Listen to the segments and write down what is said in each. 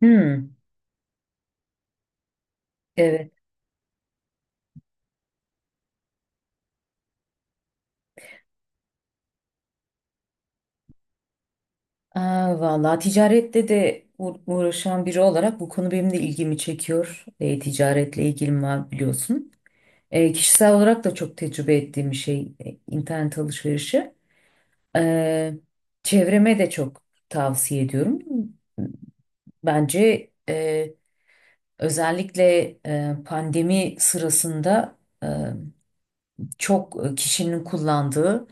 Hmm, evet. Aa, vallahi ticarette de uğraşan biri olarak bu konu benim de ilgimi çekiyor. Ticaretle ilgim var biliyorsun. Kişisel olarak da çok tecrübe ettiğim bir şey internet alışverişi. E, Çevreme de çok tavsiye ediyorum. Bence özellikle pandemi sırasında e, çok kişinin kullandığı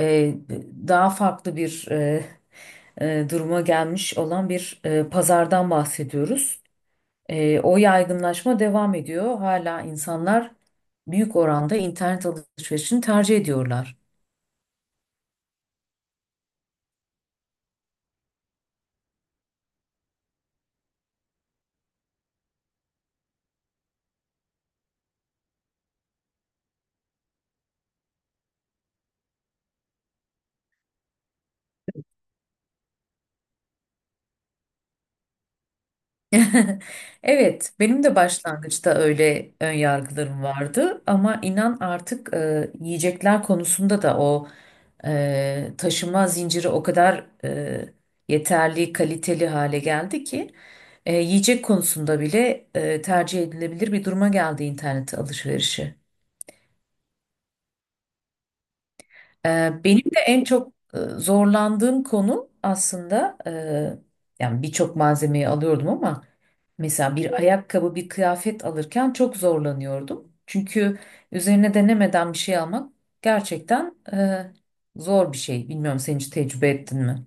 e, daha farklı bir duruma gelmiş olan bir pazardan bahsediyoruz. O yaygınlaşma devam ediyor. Hala insanlar büyük oranda internet alışverişini tercih ediyorlar. Evet, benim de başlangıçta öyle ön yargılarım vardı ama inan artık yiyecekler konusunda da o taşıma zinciri o kadar yeterli, kaliteli hale geldi ki yiyecek konusunda bile tercih edilebilir bir duruma geldi internet alışverişi. Benim de en çok zorlandığım konu aslında yani birçok malzemeyi alıyordum ama mesela bir ayakkabı, bir kıyafet alırken çok zorlanıyordum. Çünkü üzerine denemeden bir şey almak gerçekten zor bir şey. Bilmiyorum sen hiç tecrübe ettin mi?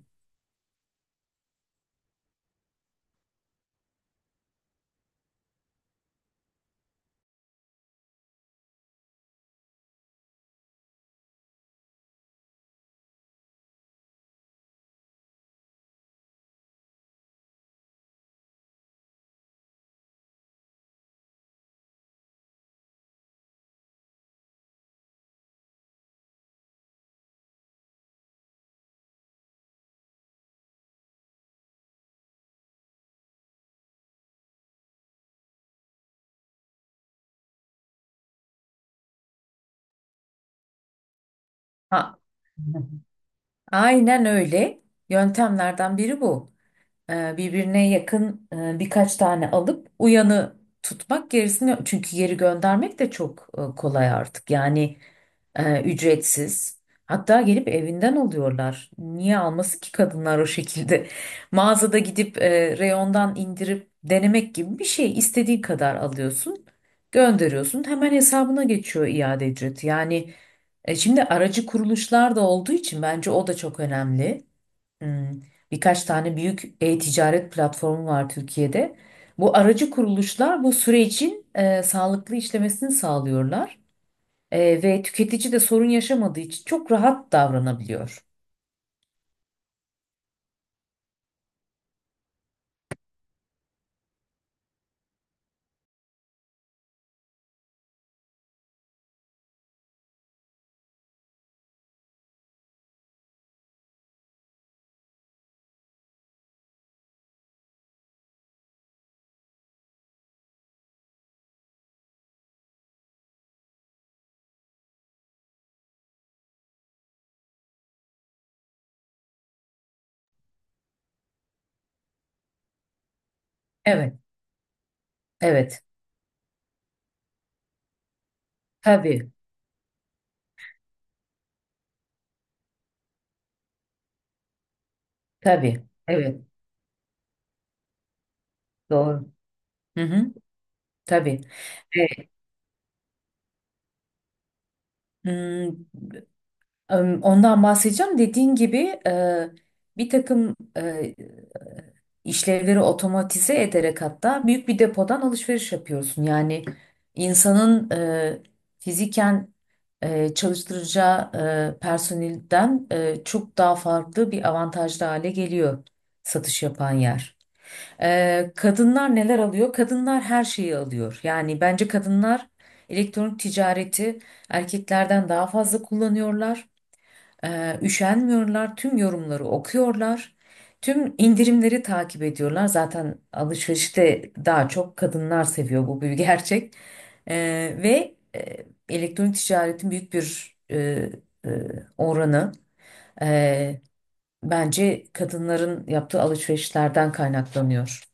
Ha. Aynen öyle. Yöntemlerden biri bu. Birbirine yakın birkaç tane alıp uyanı tutmak gerisini çünkü geri göndermek de çok kolay artık. Yani ücretsiz. Hatta gelip evinden alıyorlar. Niye alması ki kadınlar o şekilde? Mağazada gidip reyondan indirip denemek gibi bir şey. İstediğin kadar alıyorsun, gönderiyorsun. Hemen hesabına geçiyor iade ücreti. Yani şimdi aracı kuruluşlar da olduğu için bence o da çok önemli. Hmm, Birkaç tane büyük e-ticaret platformu var Türkiye'de. Bu aracı kuruluşlar bu sürecin sağlıklı işlemesini sağlıyorlar. Ve tüketici de sorun yaşamadığı için çok rahat davranabiliyor. Evet, evet. Tabii, tabii. Evet, doğru. Hı hı, tabii. Evet. Hmm, Ondan bahsedeceğim. Dediğin gibi bir takım işlevleri otomatize ederek hatta büyük bir depodan alışveriş yapıyorsun. Yani insanın fiziken çalıştıracağı personelden çok daha farklı bir avantajlı hale geliyor satış yapan yer. Kadınlar neler alıyor? Kadınlar her şeyi alıyor. Yani bence kadınlar elektronik ticareti erkeklerden daha fazla kullanıyorlar. Üşenmiyorlar, tüm yorumları okuyorlar, tüm indirimleri takip ediyorlar. Zaten alışverişte daha çok kadınlar seviyor bu bir gerçek. Ee, Ve elektronik ticaretin büyük bir e, oranı e, bence kadınların yaptığı alışverişlerden kaynaklanıyor.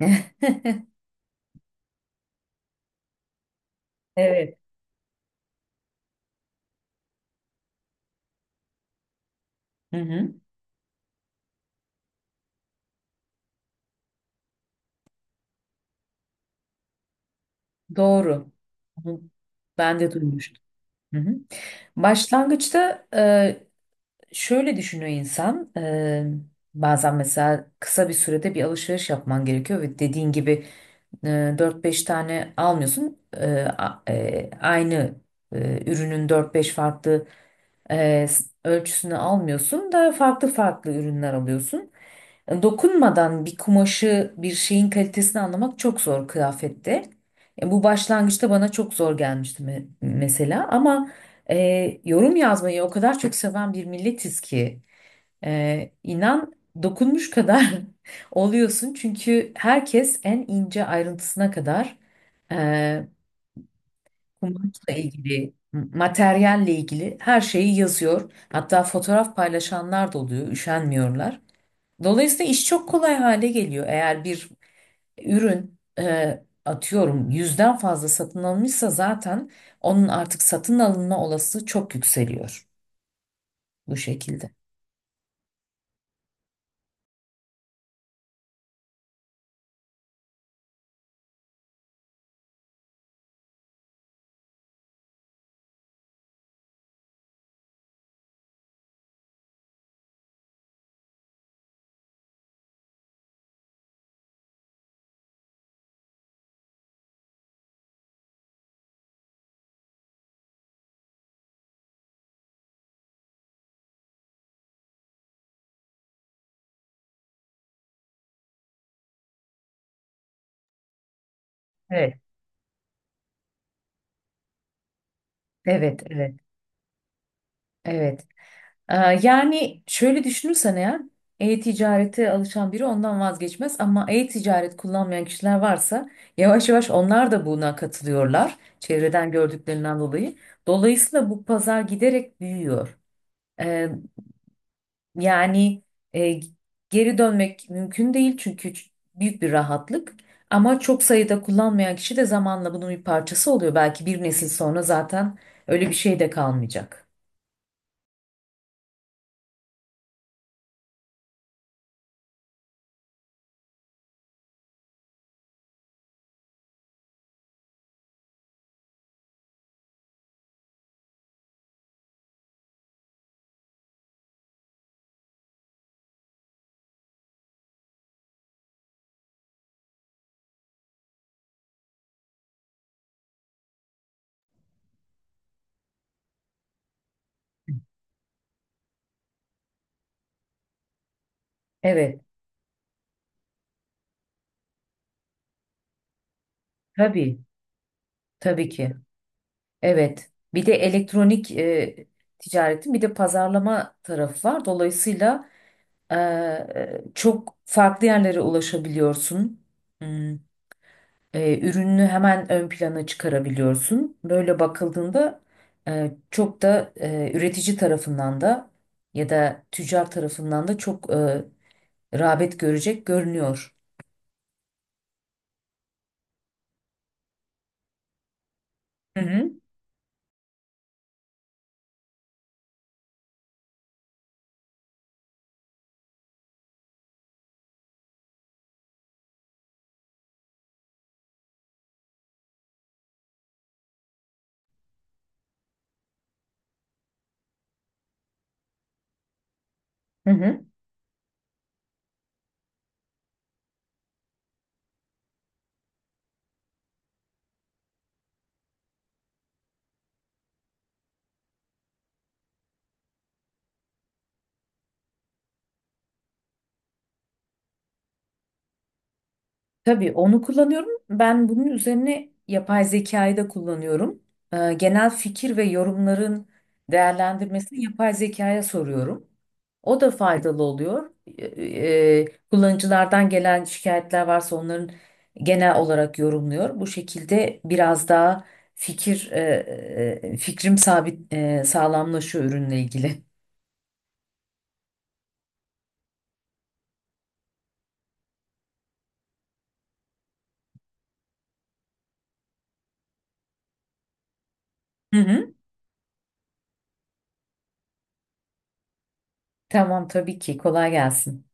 Evet. Hı hı. Doğru. Hı. Ben de duymuştum. Hı hı. Başlangıçta şöyle düşünüyor insan, bazen mesela kısa bir sürede bir alışveriş yapman gerekiyor ve dediğin gibi 4-5 tane almıyorsun. Aynı ürünün dört beş farklı ölçüsünü almıyorsun da farklı farklı ürünler alıyorsun. Dokunmadan bir kumaşı, bir şeyin kalitesini anlamak çok zor kıyafette. Bu başlangıçta bana çok zor gelmişti mesela ama yorum yazmayı o kadar çok seven bir milletiz ki inan dokunmuş kadar oluyorsun çünkü herkes en ince ayrıntısına kadar e, kumaşla ilgili, materyalle ilgili her şeyi yazıyor. Hatta fotoğraf paylaşanlar da oluyor, üşenmiyorlar. Dolayısıyla iş çok kolay hale geliyor. Eğer bir ürün atıyorum yüzden fazla satın alınmışsa zaten onun artık satın alınma olasılığı çok yükseliyor bu şekilde. Evet, evet, evet, evet. Ee, Yani şöyle düşünürsen eğer e-ticarete alışan biri ondan vazgeçmez ama e-ticaret kullanmayan kişiler varsa yavaş yavaş onlar da buna katılıyorlar çevreden gördüklerinden dolayı. Dolayısıyla bu pazar giderek büyüyor. Ee, Yani e, geri dönmek mümkün değil çünkü büyük bir rahatlık ama çok sayıda kullanmayan kişi de zamanla bunun bir parçası oluyor. Belki bir nesil sonra zaten öyle bir şey de kalmayacak. Evet, tabii, tabii ki. Evet. Bir de elektronik ticaretin bir de pazarlama tarafı var. Dolayısıyla çok farklı yerlere ulaşabiliyorsun. Hmm. Ürününü hemen ön plana çıkarabiliyorsun. Böyle bakıldığında çok da üretici tarafından da ya da tüccar tarafından da çok rağbet görecek görünüyor. Hı hı. Hı hı. Tabii onu kullanıyorum. Ben bunun üzerine yapay zekayı da kullanıyorum. Genel fikir ve yorumların değerlendirmesini yapay zekaya soruyorum. O da faydalı oluyor. Ee, Kullanıcılardan gelen şikayetler varsa onların genel olarak yorumluyor. Bu şekilde biraz daha fikrim sabit sağlamlaşıyor ürünle ilgili. Hı hı. Tamam tabii ki kolay gelsin.